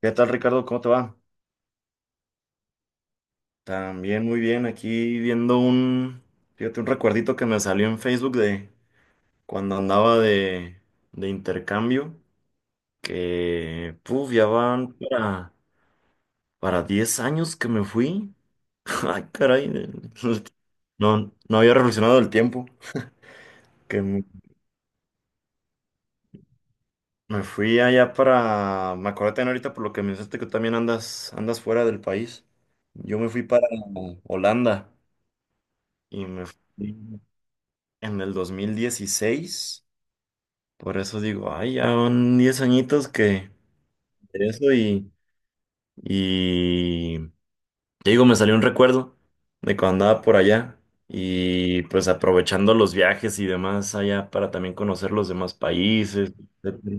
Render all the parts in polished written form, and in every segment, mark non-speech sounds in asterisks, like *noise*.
¿Qué tal, Ricardo? ¿Cómo te va? También muy bien, aquí viendo fíjate, un recuerdito que me salió en Facebook de cuando andaba de intercambio, que, puf, ya van para 10 años que me fui. *laughs* Ay, caray, el- no, no había reflexionado el tiempo, que me fui allá me acordé también ahorita por lo que me dijiste que también andas fuera del país. Yo me fui para Holanda y me fui en el 2016. Por eso digo, ay, ya son 10 añitos que de eso y te digo, me salió un recuerdo de cuando andaba por allá y pues aprovechando los viajes y demás allá para también conocer los demás países, etcétera.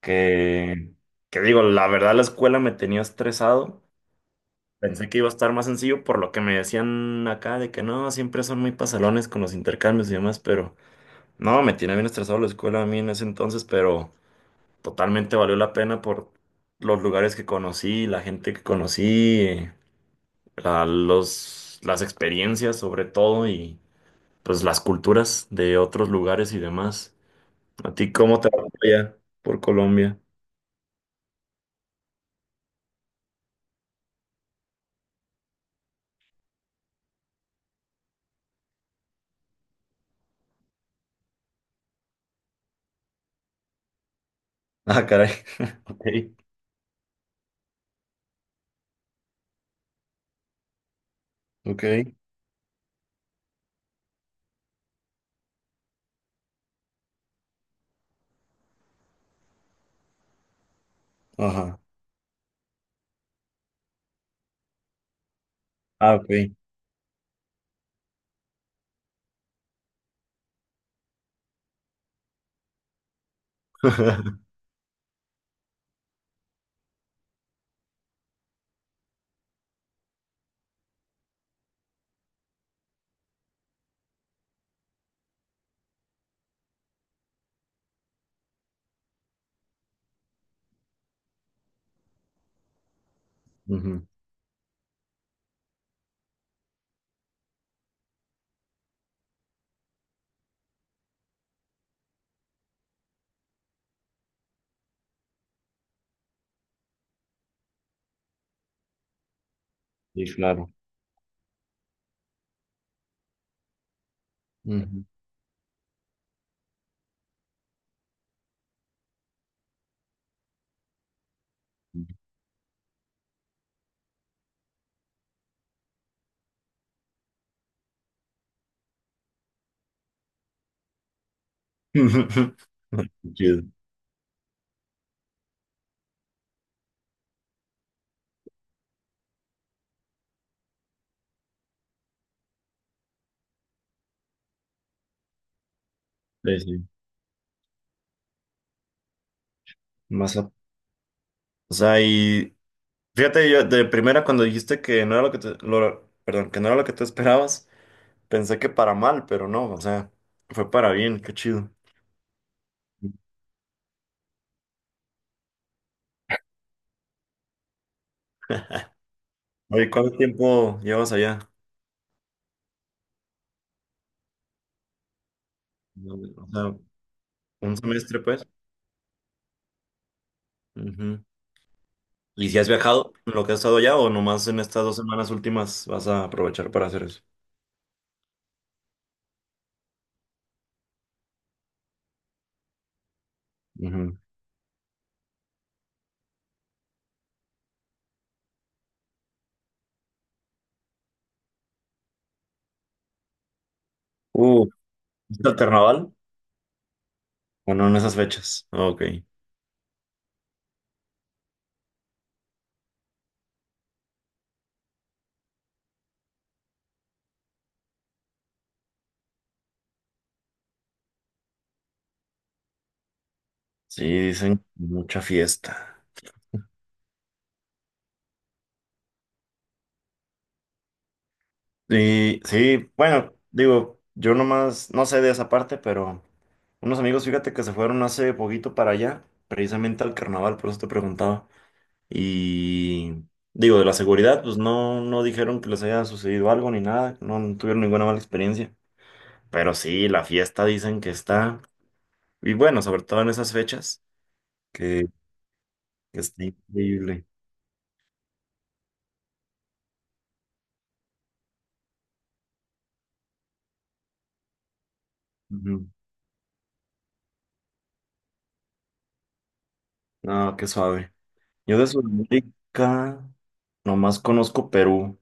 Que, que digo, la verdad la escuela me tenía estresado. Pensé que iba a estar más sencillo por lo que me decían acá de que no, siempre son muy pasalones con los intercambios y demás, pero... No, me tiene bien estresado la escuela a mí en ese entonces, pero totalmente valió la pena por los lugares que conocí, la gente que conocí, las experiencias sobre todo y pues las culturas de otros lugares y demás. ¿A ti cómo te va por allá por Colombia? Ah, caray. *laughs* Ok, ok. Ajá. Ah, ok. *laughs* Ujú. Sí, claro. Ujú. *laughs* Chido. Sí, sí. Más, o sea. Fíjate, yo de primera cuando dijiste que no era lo que te, perdón, que no era lo que te esperabas, pensé que para mal, pero no, o sea, fue para bien, qué chido. Oye, ¿cuánto tiempo llevas allá? O sea, un semestre, pues. Ujú. ¿Y si has viajado en lo que has estado allá o nomás en estas 2 semanas últimas vas a aprovechar para hacer eso? Ujú. Uh, ¿Viste el carnaval? Bueno, en esas fechas. Ok. Sí, dicen mucha fiesta. Y sí, bueno, digo, yo nomás no sé de esa parte, pero unos amigos, fíjate que se fueron hace poquito para allá, precisamente al carnaval, por eso te preguntaba. Y digo, de la seguridad, pues no, no dijeron que les haya sucedido algo ni nada, no tuvieron ninguna mala experiencia. Pero sí, la fiesta dicen que está, y bueno, sobre todo en esas fechas, que, que está increíble. Ujú. No, qué suave. Yo de Sudamérica nomás conozco Perú.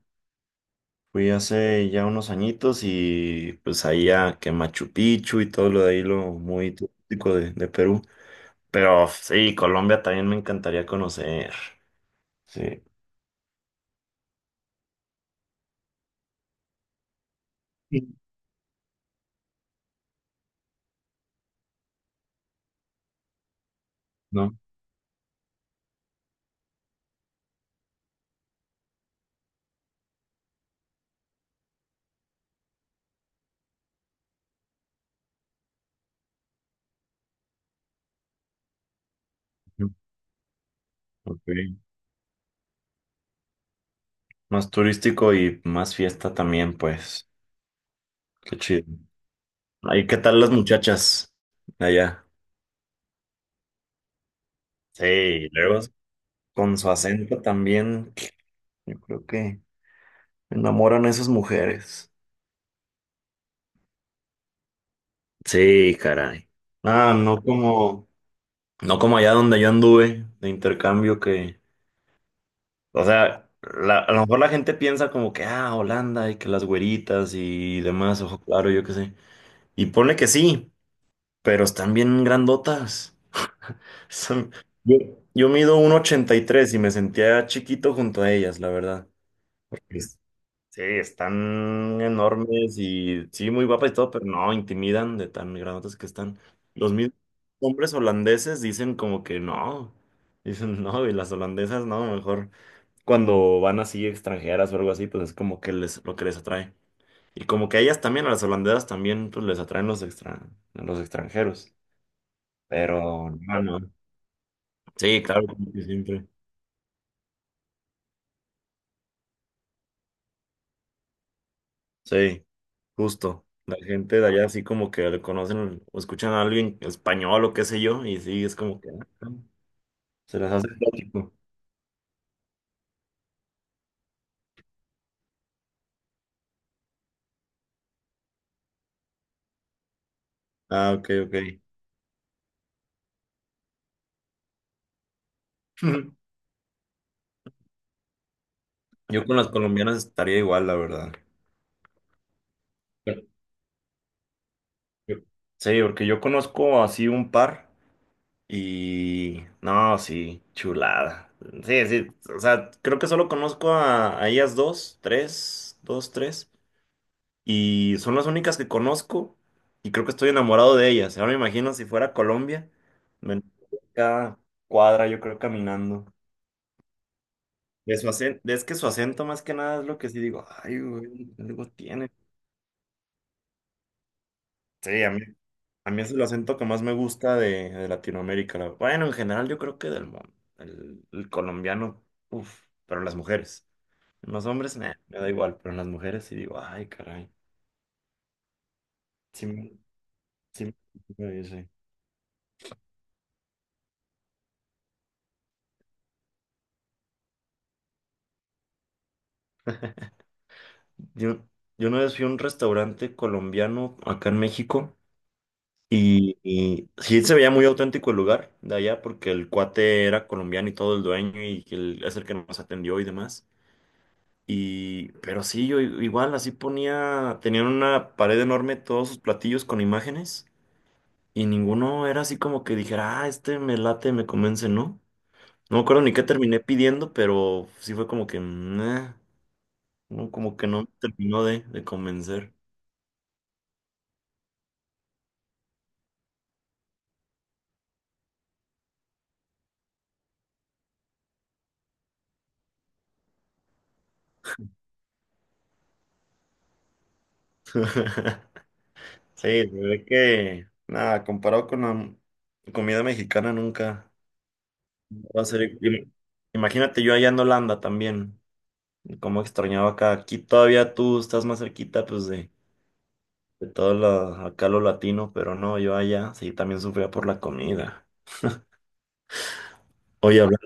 Fui hace ya unos añitos y pues ahí a que Machu Picchu y todo lo de ahí, lo muy turístico de Perú. Pero sí, Colombia también me encantaría conocer. Sí, Sí. ¿No? Ok. Más turístico y más fiesta también, pues. Qué chido. Ahí, ¿qué tal las muchachas de allá? Sí, y luego con su acento también, yo creo que enamoran a esas mujeres. Sí, caray. Ah, no como. No como allá donde yo anduve de intercambio que, o sea, a lo mejor la gente piensa como que, ah, Holanda y que las güeritas y demás, ojo claro, yo qué sé. Y ponle que sí, pero están bien grandotas. *laughs* Son- Yo, yo mido un 1,83 y me sentía chiquito junto a ellas, la verdad. Sí, están enormes y sí, muy guapas y todo, pero no, intimidan de tan grandotes que están. Los mismos hombres holandeses dicen como que no, dicen *laughs* no, y las holandesas no, mejor cuando van así extranjeras o algo así, pues es como que les, lo que les atrae. Y como que a ellas también, a las holandesas también, pues les atraen los extranjeros. Pero, no, no. Sí, claro, como que siempre. Sí. Justo, la gente de allá así como que le conocen o escuchan a alguien español o qué sé yo, y sí, es como que ah, se las hace lógico. Ah, ok, ok. *laughs* Yo con las colombianas estaría igual, la verdad. Pero- yo- Sí, porque yo conozco así un par y no, sí, chulada. Sí, sí, o sea, creo que solo conozco a ellas dos, tres, dos, tres. Y son las únicas que conozco y creo que estoy enamorado de ellas. Ahora me imagino si fuera Colombia, me enamoro de cada cuadra yo creo caminando. Es que su acento más que nada es lo que sí digo, ay, güey, algo tiene. Sí, a mí es el acento que más me gusta de Latinoamérica. Bueno, en general yo creo que del mundo. El colombiano, uff, pero las mujeres. Los hombres, nah, me da igual, pero en las mujeres sí digo, ay, caray. Sí, sí, sí. Yo, yo una vez fui a un restaurante colombiano acá en México y sí se veía muy auténtico el lugar de allá porque el cuate era colombiano y todo el dueño y es el que nos atendió y demás. Y, pero sí, igual así ponía, tenían una pared enorme todos sus platillos con imágenes y ninguno era así como que dijera, ah, este me late, me convence, ¿no? No me acuerdo ni qué terminé pidiendo, pero sí fue como que, "Meh", no, como que no me terminó de convencer. *laughs* Sí, se ve que, nada, comparado con la comida mexicana nunca va a ser. Imagínate yo allá en Holanda también, cómo extrañaba acá. Aquí todavía tú estás más cerquita, pues, de todo lo, acá lo latino, pero no, yo allá sí también sufría por la comida. Oye,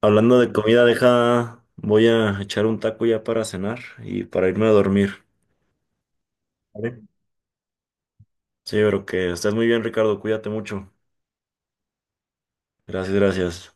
hablando de comida, deja, voy a echar un taco ya para cenar y para irme a dormir. ¿Vale? Sí, pero que estés muy bien, Ricardo, cuídate mucho. Gracias, gracias.